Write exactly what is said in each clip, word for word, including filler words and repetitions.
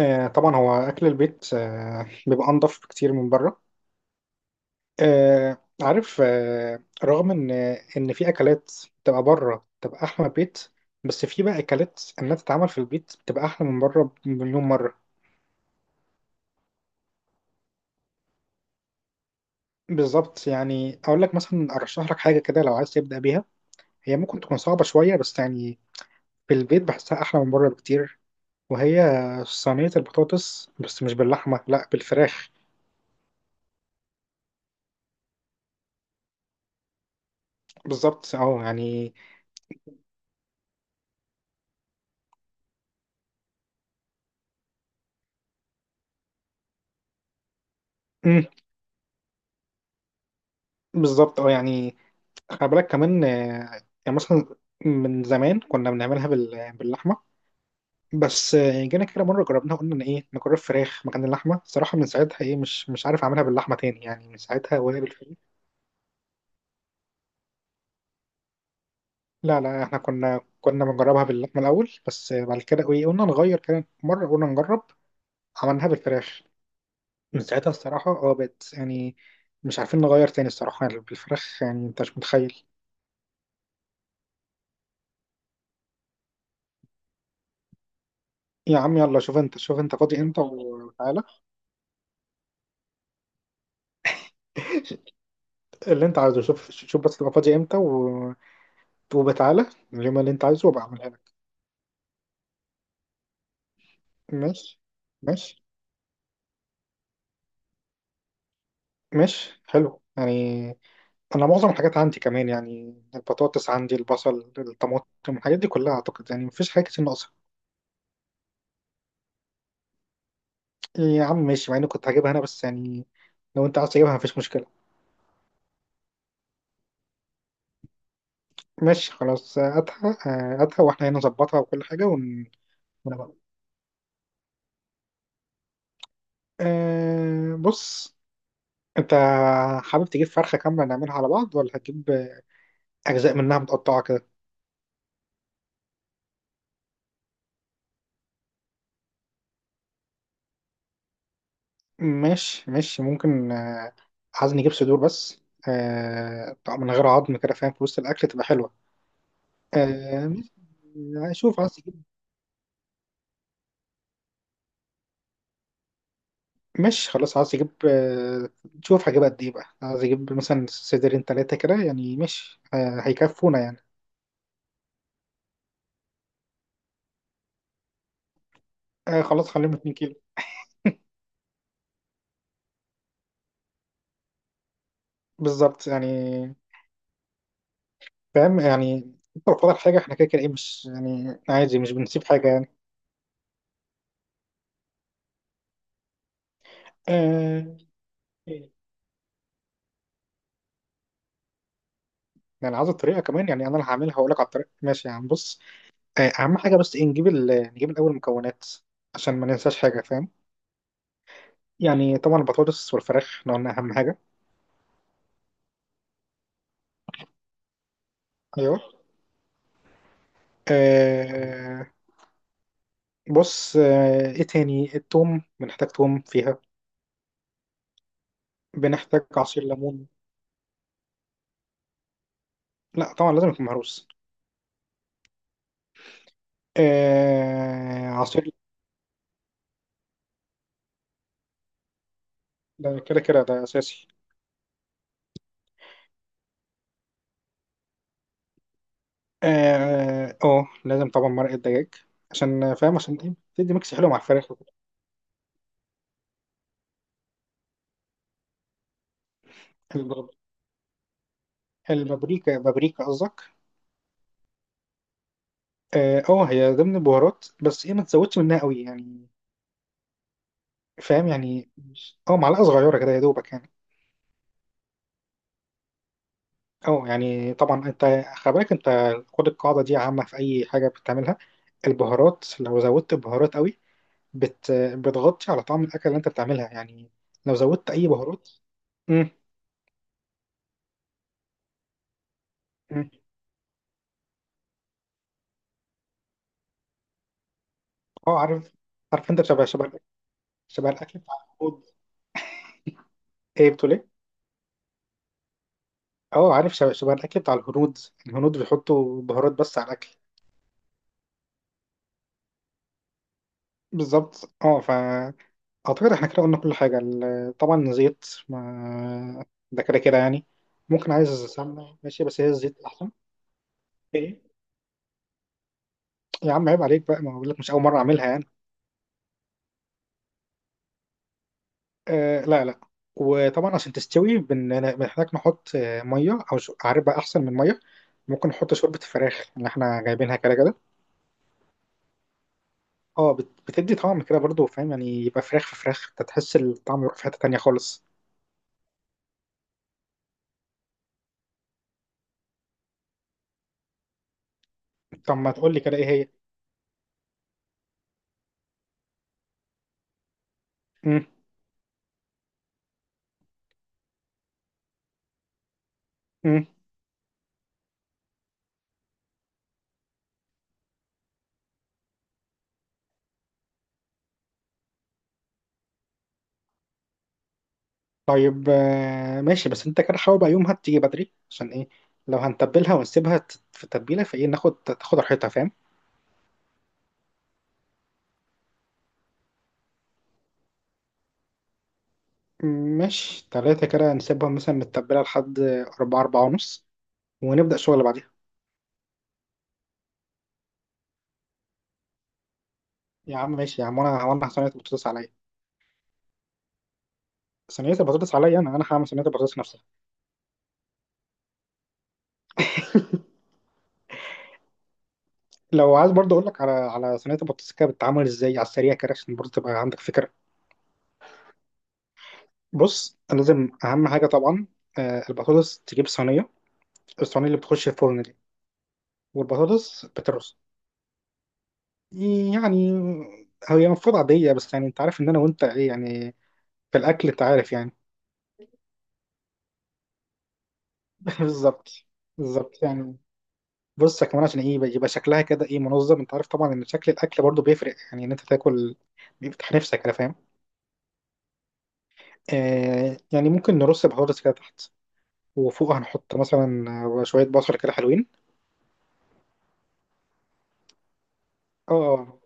آه طبعا هو اكل البيت آه بيبقى انضف بكتير من بره. آه عارف. آه رغم ان ان في اكلات تبقى بره تبقى احلى من البيت، بس في بقى اكلات انها تتعمل في البيت بتبقى احلى من بره بمليون مره. بالظبط، يعني اقول لك مثلا ارشح لك حاجه كده لو عايز تبدا بيها. هي ممكن تكون صعبه شويه بس يعني في البيت بحسها احلى من بره بكتير، وهي صينيه البطاطس بس مش باللحمه، لا بالفراخ. بالظبط اه يعني. مم، بالظبط اه يعني خلي بالك كمان. آه، يعني مثلا من زمان كنا بنعملها بال- باللحمه، بس آه، جينا كده مره جربناها قلنا ان ايه نجرب فراخ مكان اللحمه. صراحه من ساعتها ايه مش مش عارف اعملها باللحمه تاني، يعني من ساعتها ولا بالفراخ. لا لا، احنا كنا كنا بنجربها باللحمه الاول، بس آه، بعد كده ايه قلنا نغير كده مره قلنا نجرب، عملناها بالفراخ. من ساعتها الصراحه اه بقت يعني مش عارفين نغير تاني الصراحه، يعني بالفراخ يعني انت مش متخيل. يا عم يلا شوف انت، شوف انت فاضي امتى وتعالى. اللي انت عايزه شوف شوف بس تبقى فاضي امتى و... وبتعالى اليوم اللي انت عايزه وبعملها لك. ماشي، ماشي، ماشي حلو يعني. انا معظم الحاجات عندي كمان، يعني البطاطس عندي، البصل، الطماطم، الحاجات دي كلها اعتقد يعني مفيش حاجه كتير ناقصه. يا عم ماشي مع اني كنت هجيبها انا بس يعني، لو انت عايز تجيبها مفيش مشكله. ماشي خلاص هاتها، آه، هاتها واحنا هنا نظبطها وكل حاجه ون... ونبقى أه بص، انت حابب تجيب فرخه كامله نعملها على بعض ولا هتجيب اجزاء منها متقطعه كده. ماشي، ماشي، ممكن آه، عايز نجيب صدور بس. آه، طبعا من غير عظم كده فاهم في وسط الأكل تبقى حلوة. آه، ماشي. شوف عايز تجيب. ماشي خلاص عايز تجيب. آه، شوف هجيب قد ايه بقى، عايز اجيب مثلا صدرين تلاتة كده يعني ماشي آه، هيكفونا يعني. آه، خلاص خليهم 2 كيلو. بالظبط يعني، فاهم يعني انت لو فاضل حاجة احنا كده كده ايه مش يعني عادي، مش بنسيب حاجة يعني. آه، يعني عايز الطريقة كمان، يعني انا اللي هعملها واقول لك على الطريقة. ماشي يا عم بص. آه، اهم حاجه بس ايه نجيب ال... نجيب الاول المكونات عشان ما ننساش حاجه، فاهم. يعني طبعا البطاطس والفراخ احنا قلنا اهم حاجه. ايوه. آه بص، آه ايه تاني، التوم بنحتاج توم فيها. بنحتاج عصير ليمون. لا طبعا لازم يكون مهروس. آه عصير. ده كده كده ده اساسي. اه، آه، لازم طبعا مرقة دجاج، عشان فاهم، عشان ايه تدي ميكس حلو مع الفراخ وكده. الب- البابريكا، بابريكا قصدك. اه آه، هي ضمن البهارات، بس ايه ما تزودش منها قوي يعني. فاهم يعني ماشي، اه معلقه صغيره كده يا دوبك يعني. اه يعني طبعا انت خلي بالك، انت خد القاعده دي عامه في اي حاجه بتعملها. البهارات لو زودت بهارات قوي بت بتغطي على طعم الاكل اللي انت بتعملها يعني. لو زودت اي بهارات. امم، امم. اه عارف، عارف انت شبه شبه الأكل- شبه الاكل بتاع الهنود. ايه بتقول ايه. اه عارف شبه شبه الاكل بتاع الهنود. الهنود بيحطوا بهارات بس على الاكل. بالظبط اه. اعتقد احنا كده قلنا كل حاجه ال- طبعا زيت، ما ده كده كده يعني. ممكن عايز سمنه ماشي بس هي الزيت احسن. ايه. يا عم عيب عليك بقى، ما بقول لك مش اول مره اعملها يعني. آه لا لا. وطبعا عشان تستوي بن- بنحتاج نحط آه، ميه او ش- عارف بقى احسن من ميه، ممكن نحط شوربه الفراخ اللي احنا جايبينها كده كده. اه بت- بتدي طعم كده برضو، فاهم يعني يبقى فراخ في فراخ انت تحس الطعم يروح في حته تانيه خالص. طب ما تقول لي كده ايه هي. امم. طيب آه، ماشي بس انت كده حاول بقى يومها تيجي بدري، عشان ايه لو هنتبلها ونسيبها ت- في التتبيلة فايه ناخد تاخد راحتها فاهم. ماشي تلاتة كده نسيبها مثلا متبلة لحد أربعة، أربعة ونص، ونبدأ شغل بعديها. يا عم ماشي يا عم، وأنا وأنا صينية البطاطس عليا. صينية البطاطس عليا، أنا أنا هعمل صينية البطاطس نفسها. لو عايز برضه أقول لك على على صينية البطاطس كده بتتعمل إزاي على السريع كده عشان برضه تبقى عندك فكرة. بص لازم أهم حاجة طبعا آه، البطاطس تجيب صينية، الصينية اللي بتخش الفرن دي، والبطاطس بترص. يعني هي المفروض عادية، بس يعني انت عارف ان انا وانت ايه يعني في الاكل، انت عارف يعني. بالظبط. بالظط يعني. بص يا كمان عشان ايه يبقى يبقى شكلها كده ايه منظم، انت عارف طبعا ان شكل الاكل برضو بيفرق، يعني ان انت تاكل بيفتح نفسك، انا فاهم. آه يعني ممكن نرص بطاطس كده تحت، وفوق هنحط مثلا آه، شوية بصل كده حلوين. اه،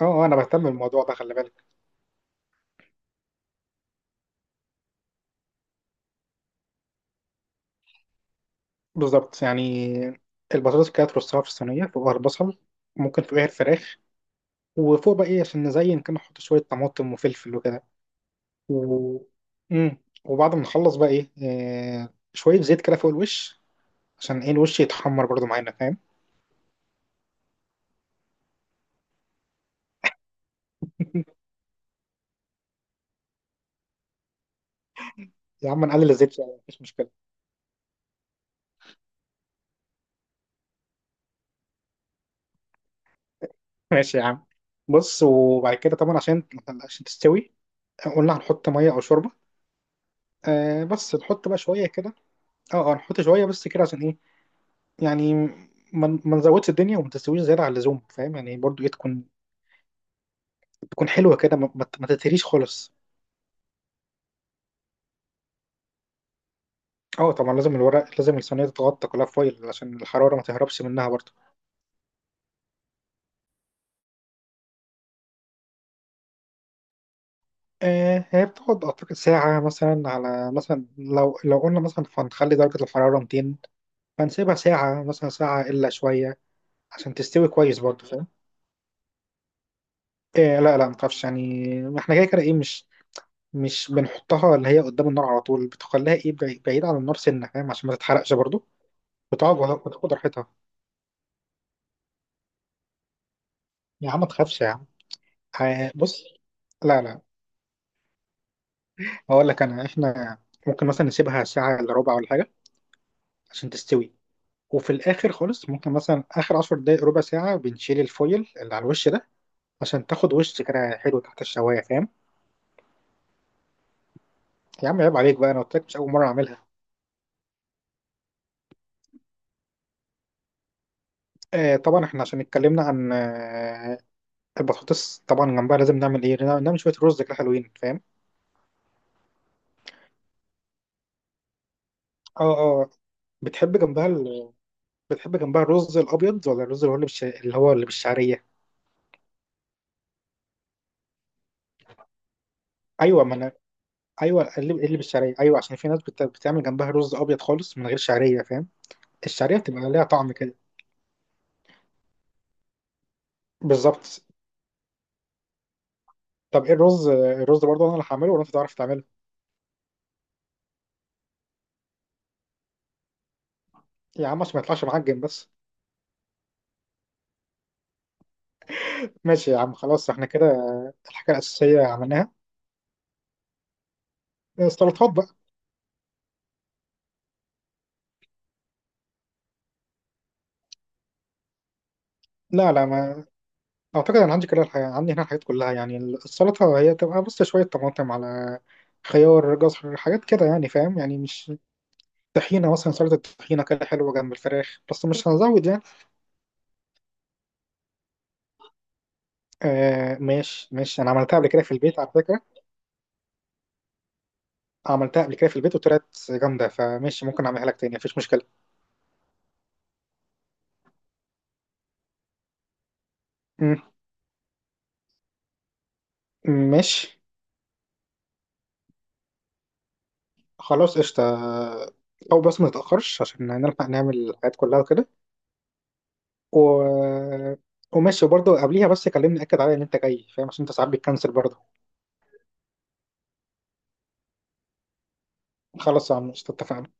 اه، آه، انا بهتم بالموضوع ده خلي بالك. بالظبط يعني، البطاطس كده ترصها في الصينية فوقها البصل، ممكن فوقها الفراخ، وفوق بقى ايه عشان نزين كده نحط شوية طماطم وفلفل وكده و... مم. وبعد ما نخلص بقى ايه آه، شوية زيت كده فوق الوش، عشان ايه الوش يتحمر برضو معانا فاهم. يا عم نقلل الزيت شوية مفيش مشكلة. ماشي يا عم. بص وبعد كده طبعا عشان عشان تستوي قلنا هنحط مية أو شوربة. آه بس تحط بقى شوية كده. اه، اه نحط شوية بس كده عشان ايه، يعني ما ما نزودش الدنيا وما تستويش زيادة عن اللزوم، فاهم يعني برضو ايه تكون تكون حلوة كده، ما, ما ما تتهريش خالص. اه طبعا لازم الورق، لازم الصينية تتغطى كلها فويل عشان الحرارة ما تهربش منها برضه. آه هي بتقعد أعتقد ساعة مثلا على مثلا لو لو قلنا مثلا هنخلي درجة الحرارة ميتين، فنسيبها ساعة مثلا ساعة إلا شوية عشان تستوي كويس برضه فاهم. آه لا لا متعرفش يعني، ما احنا كده كده إيه مش مش بنحطها اللي هي قدام النار على طول، بتخليها إيه بعي- بعيد عن النار سنة، فاهم، عشان ما تتحرقش برضه. بتقعد وتاخد راحتها. يا عم ما تخافش يا عم. آه بص لا لا، هقول لك انا احنا ممكن مثلا نسيبها ساعة الا ربع ولا حاجة عشان تستوي. وفي الاخر خالص ممكن مثلا اخر عشر دقايق ربع ساعة بنشيل الفويل اللي على الوش ده عشان تاخد وش كده حلو تحت الشواية، فاهم. يا عم عيب عليك بقى، انا قلت لك مش اول مرة اعملها. آه طبعا احنا عشان اتكلمنا عن آه البطاطس، طبعا جنبها لازم نعمل ايه نعمل شوية رز كده حلوين، فاهم. اه، اه. بتحب جنبها ال... بتحب جنبها الرز الابيض ولا الرز اللي هو اللي بالش... اللي هو اللي بالشعرية. ايوه ما انا. ايوه قلب قلب الشعريه، ايوه عشان في ناس بت... بتعمل جنبها رز ابيض خالص من غير شعريه فاهم. الشعريه بتبقى ليها طعم كده. بالظبط. طب ايه الرز، الرز برضه انا اللي هعمله ولا انت تعرف تعمله. يا عم عشان ما يطلعش معجن بس. ماشي يا عم خلاص احنا كده الحاجه الاساسيه عملناها. السلطات بقى. لا لا، ما اعتقد انا عندي كده الحاجة، عندي هنا الحاجات كلها يعني. السلطه هي تبقى بس شويه طماطم، على خيار، جزر، حاجات كده يعني فاهم، يعني مش طحينه مثلا، سلطه طحينه كده حلوه جنب الفراخ، بس مش هنزود يعني. آه ماشي ماشي، انا عملتها قبل كده في البيت على فكره، عملتها قبل كده في البيت وطلعت جامده فماشي ممكن اعملها لك تاني مفيش مشكله. مم، ماشي. خلاص قشطه، او بس ما نتاخرش عشان نلحق نعمل الحاجات كلها وكده و... وماشي، وبرضه قبليها بس كلمني اكد عليا ان انت جاي، فاهم عشان انت ساعات بتكنسل برضه. خلاص يا عم قشطه اتفقنا.